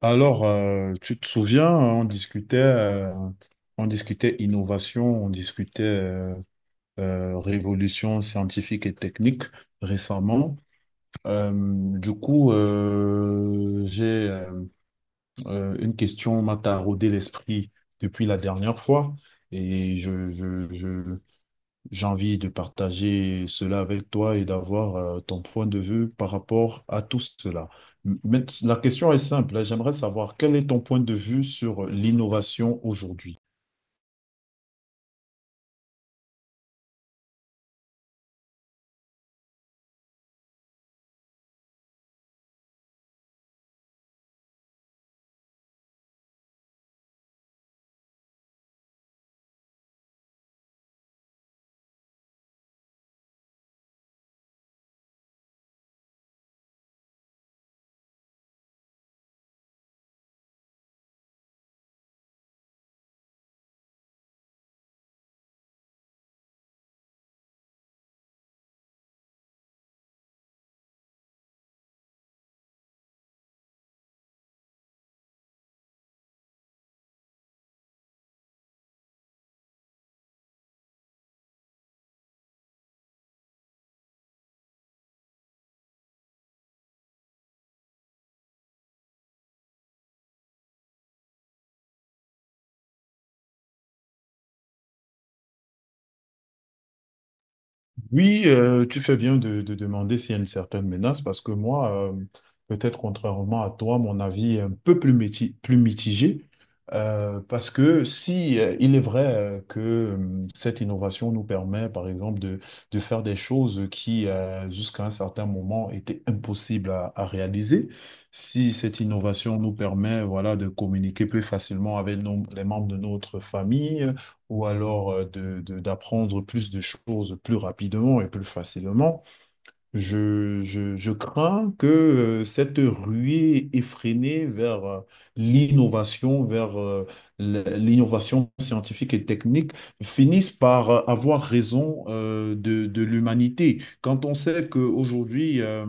Alors, tu te souviens, hein, on discutait innovation, on discutait révolution scientifique et technique récemment. Euh, j'ai une question m'a taraudé l'esprit depuis la dernière fois et je j'ai envie de partager cela avec toi et d'avoir ton point de vue par rapport à tout cela. Mais la question est simple, hein. J'aimerais savoir quel est ton point de vue sur l'innovation aujourd'hui? Oui, tu fais bien de demander s'il y a une certaine menace parce que moi, peut-être contrairement à toi, mon avis est un peu plus, plus mitigé parce que si il est vrai que cette innovation nous permet, par exemple, de faire des choses qui, jusqu'à un certain moment, étaient impossibles à réaliser, si cette innovation nous permet, voilà, de communiquer plus facilement avec les membres de notre famille, ou alors de, d'apprendre plus de choses plus rapidement et plus facilement, je crains que cette ruée effrénée vers l'innovation, vers l'innovation scientifique et technique finisse par avoir raison de l'humanité. Quand on sait qu'aujourd'hui,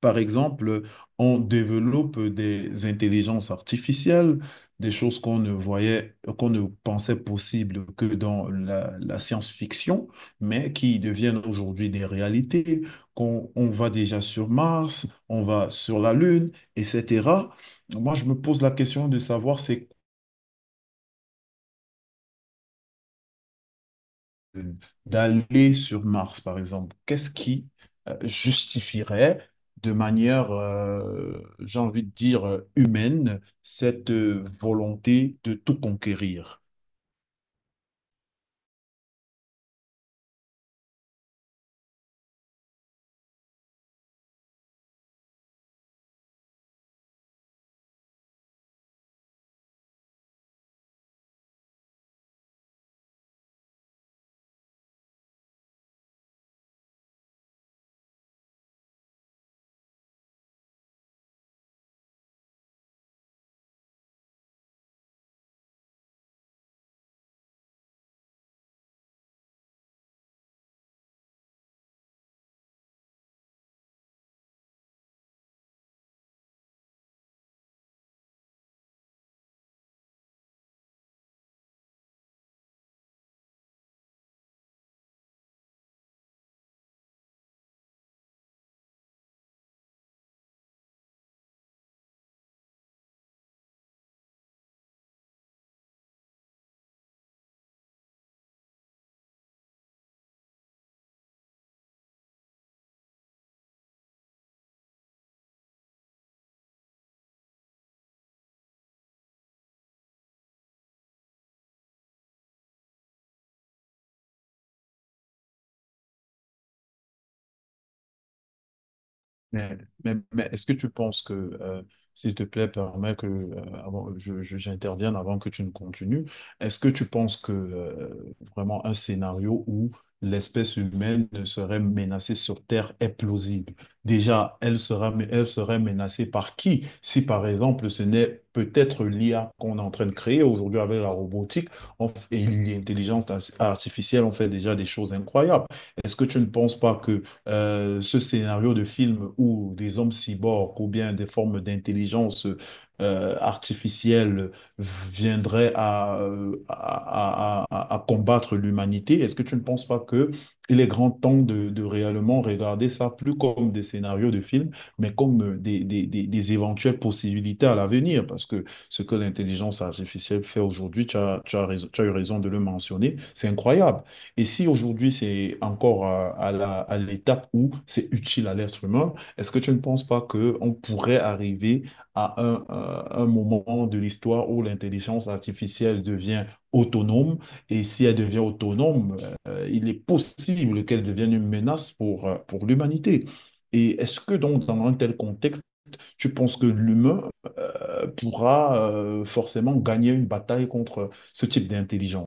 par exemple, on développe des intelligences artificielles, des choses qu'on ne voyait, qu'on ne pensait possible que dans la, la science-fiction, mais qui deviennent aujourd'hui des réalités, qu'on va déjà sur Mars, on va sur la Lune, etc. Moi, je me pose la question de savoir c'est d'aller sur Mars, par exemple, qu'est-ce qui justifierait de manière, j'ai envie de dire, humaine, cette volonté de tout conquérir? Mais, mais est-ce que tu penses que, euh, s'il te plaît, permets que avant, j'intervienne avant que tu ne continues, est-ce que tu penses que vraiment un scénario où l'espèce humaine ne serait menacée sur Terre est plausible? Déjà, elle sera, mais elle serait menacée par qui? Si par exemple, ce n'est peut-être l'IA qu'on est en train de créer aujourd'hui avec la robotique et l'intelligence artificielle, on fait déjà des choses incroyables. Est-ce que tu ne penses pas que ce scénario de film où des hommes cyborgs ou bien des formes d'intelligence artificielle viendraient à, à combattre l'humanité, est-ce que tu ne penses pas que il est grand temps de réellement regarder ça plus comme des scénarios de films, mais comme des éventuelles possibilités à l'avenir? Parce que ce que l'intelligence artificielle fait aujourd'hui, tu as, tu as eu raison de le mentionner, c'est incroyable. Et si aujourd'hui c'est encore à, à l'étape où c'est utile à l'être humain, est-ce que tu ne penses pas qu'on pourrait arriver à un moment de l'histoire où l'intelligence artificielle devient autonome? Et si elle devient autonome, il est possible qu'elle devienne une menace pour l'humanité. Et est-ce que donc dans un tel contexte, tu penses que l'humain pourra forcément gagner une bataille contre ce type d'intelligence?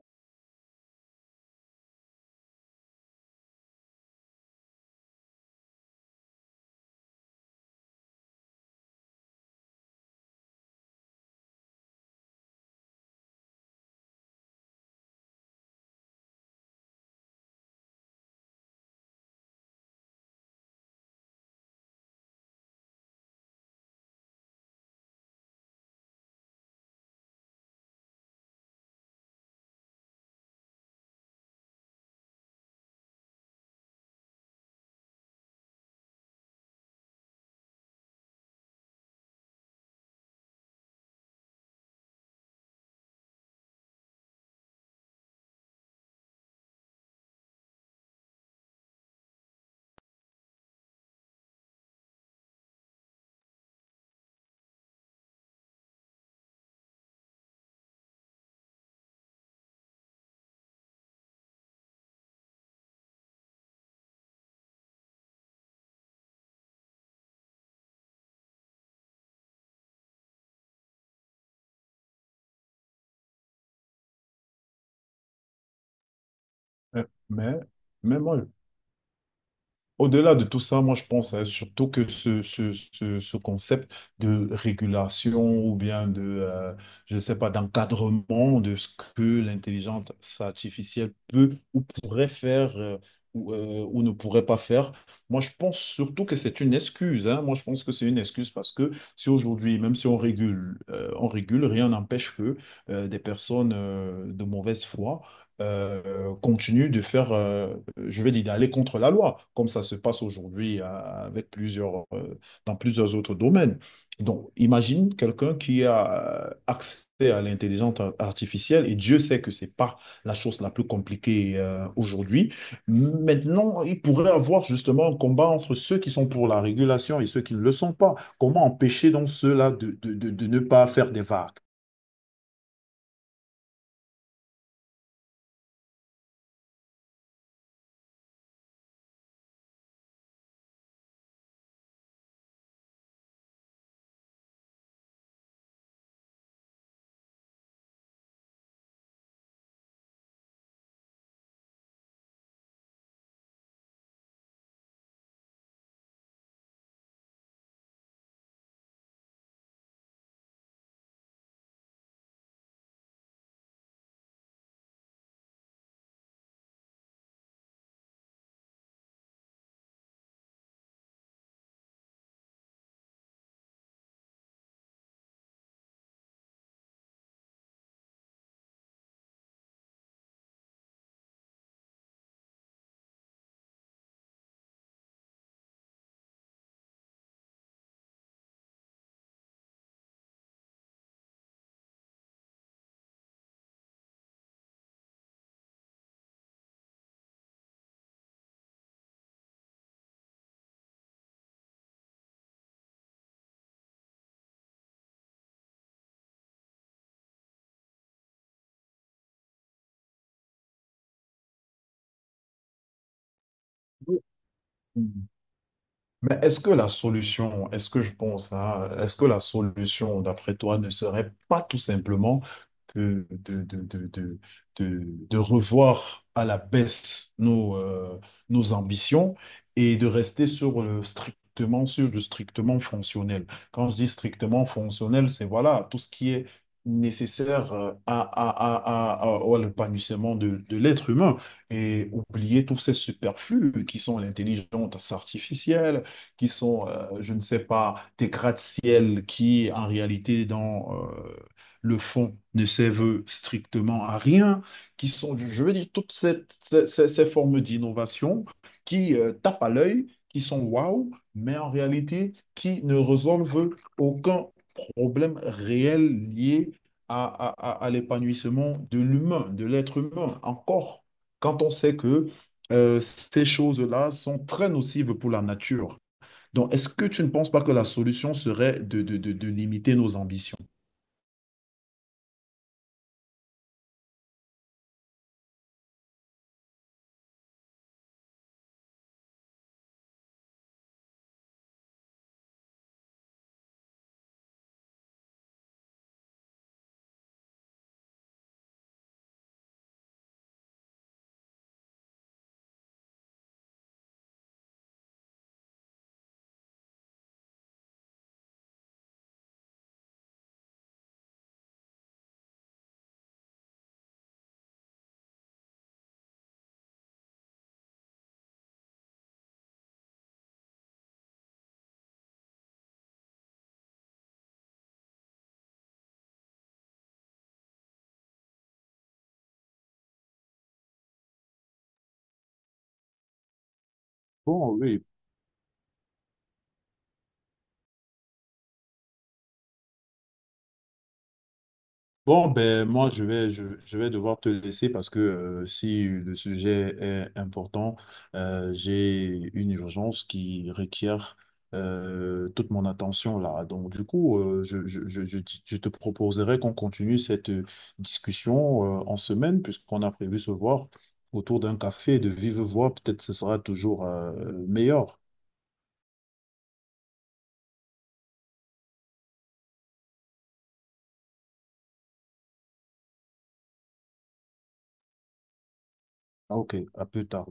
Euh, Mais, mais moi, au-delà de tout ça, moi je pense hein, surtout que ce concept de régulation ou bien de, je ne sais pas, d'encadrement de ce que l'intelligence artificielle peut ou pourrait faire ou ne pourrait pas faire, moi je pense surtout que c'est une excuse. Hein. Moi je pense que c'est une excuse parce que si aujourd'hui, même si on régule, on régule, rien n'empêche que des personnes de mauvaise foi continue de faire, je vais dire, d'aller contre la loi, comme ça se passe aujourd'hui avec plusieurs, dans plusieurs autres domaines. Donc, imagine quelqu'un qui a accès à l'intelligence artificielle, et Dieu sait que c'est pas la chose la plus compliquée aujourd'hui. Maintenant, il pourrait avoir justement un combat entre ceux qui sont pour la régulation et ceux qui ne le sont pas. Comment empêcher donc ceux-là de, de ne pas faire des vagues? Mais est-ce que la solution, est-ce que je pense, hein, est-ce que la solution, d'après toi, ne serait pas tout simplement de, de, de, de, de, de revoir à la baisse nos, nos ambitions et de rester sur le strictement fonctionnel? Quand je dis strictement fonctionnel, c'est voilà, tout ce qui est nécessaire à l'épanouissement de l'être humain et oublier tous ces superflus qui sont l'intelligence artificielle qui sont, je ne sais pas, des gratte-ciel qui, en réalité, dans le fond, ne servent strictement à rien, qui sont, je veux dire, toutes cette- ces, ces- ces formes d'innovation qui tapent à l'œil, qui sont waouh, mais en réalité, qui ne résolvent aucun problème réel lié à, à l'épanouissement de l'humain, de l'être humain, encore quand on sait que ces choses-là sont très nocives pour la nature. Donc, est-ce que tu ne penses pas que la solution serait de, de limiter nos ambitions? Bon, oui. Bon, ben moi, je vais devoir te laisser parce que si le sujet est important, j'ai une urgence qui requiert toute mon attention là. Donc, du coup, je te proposerai qu'on continue cette discussion en semaine puisqu'on a prévu se voir autour d'un café de vive voix. Peut-être ce sera toujours meilleur. Ah, ok, à plus tard.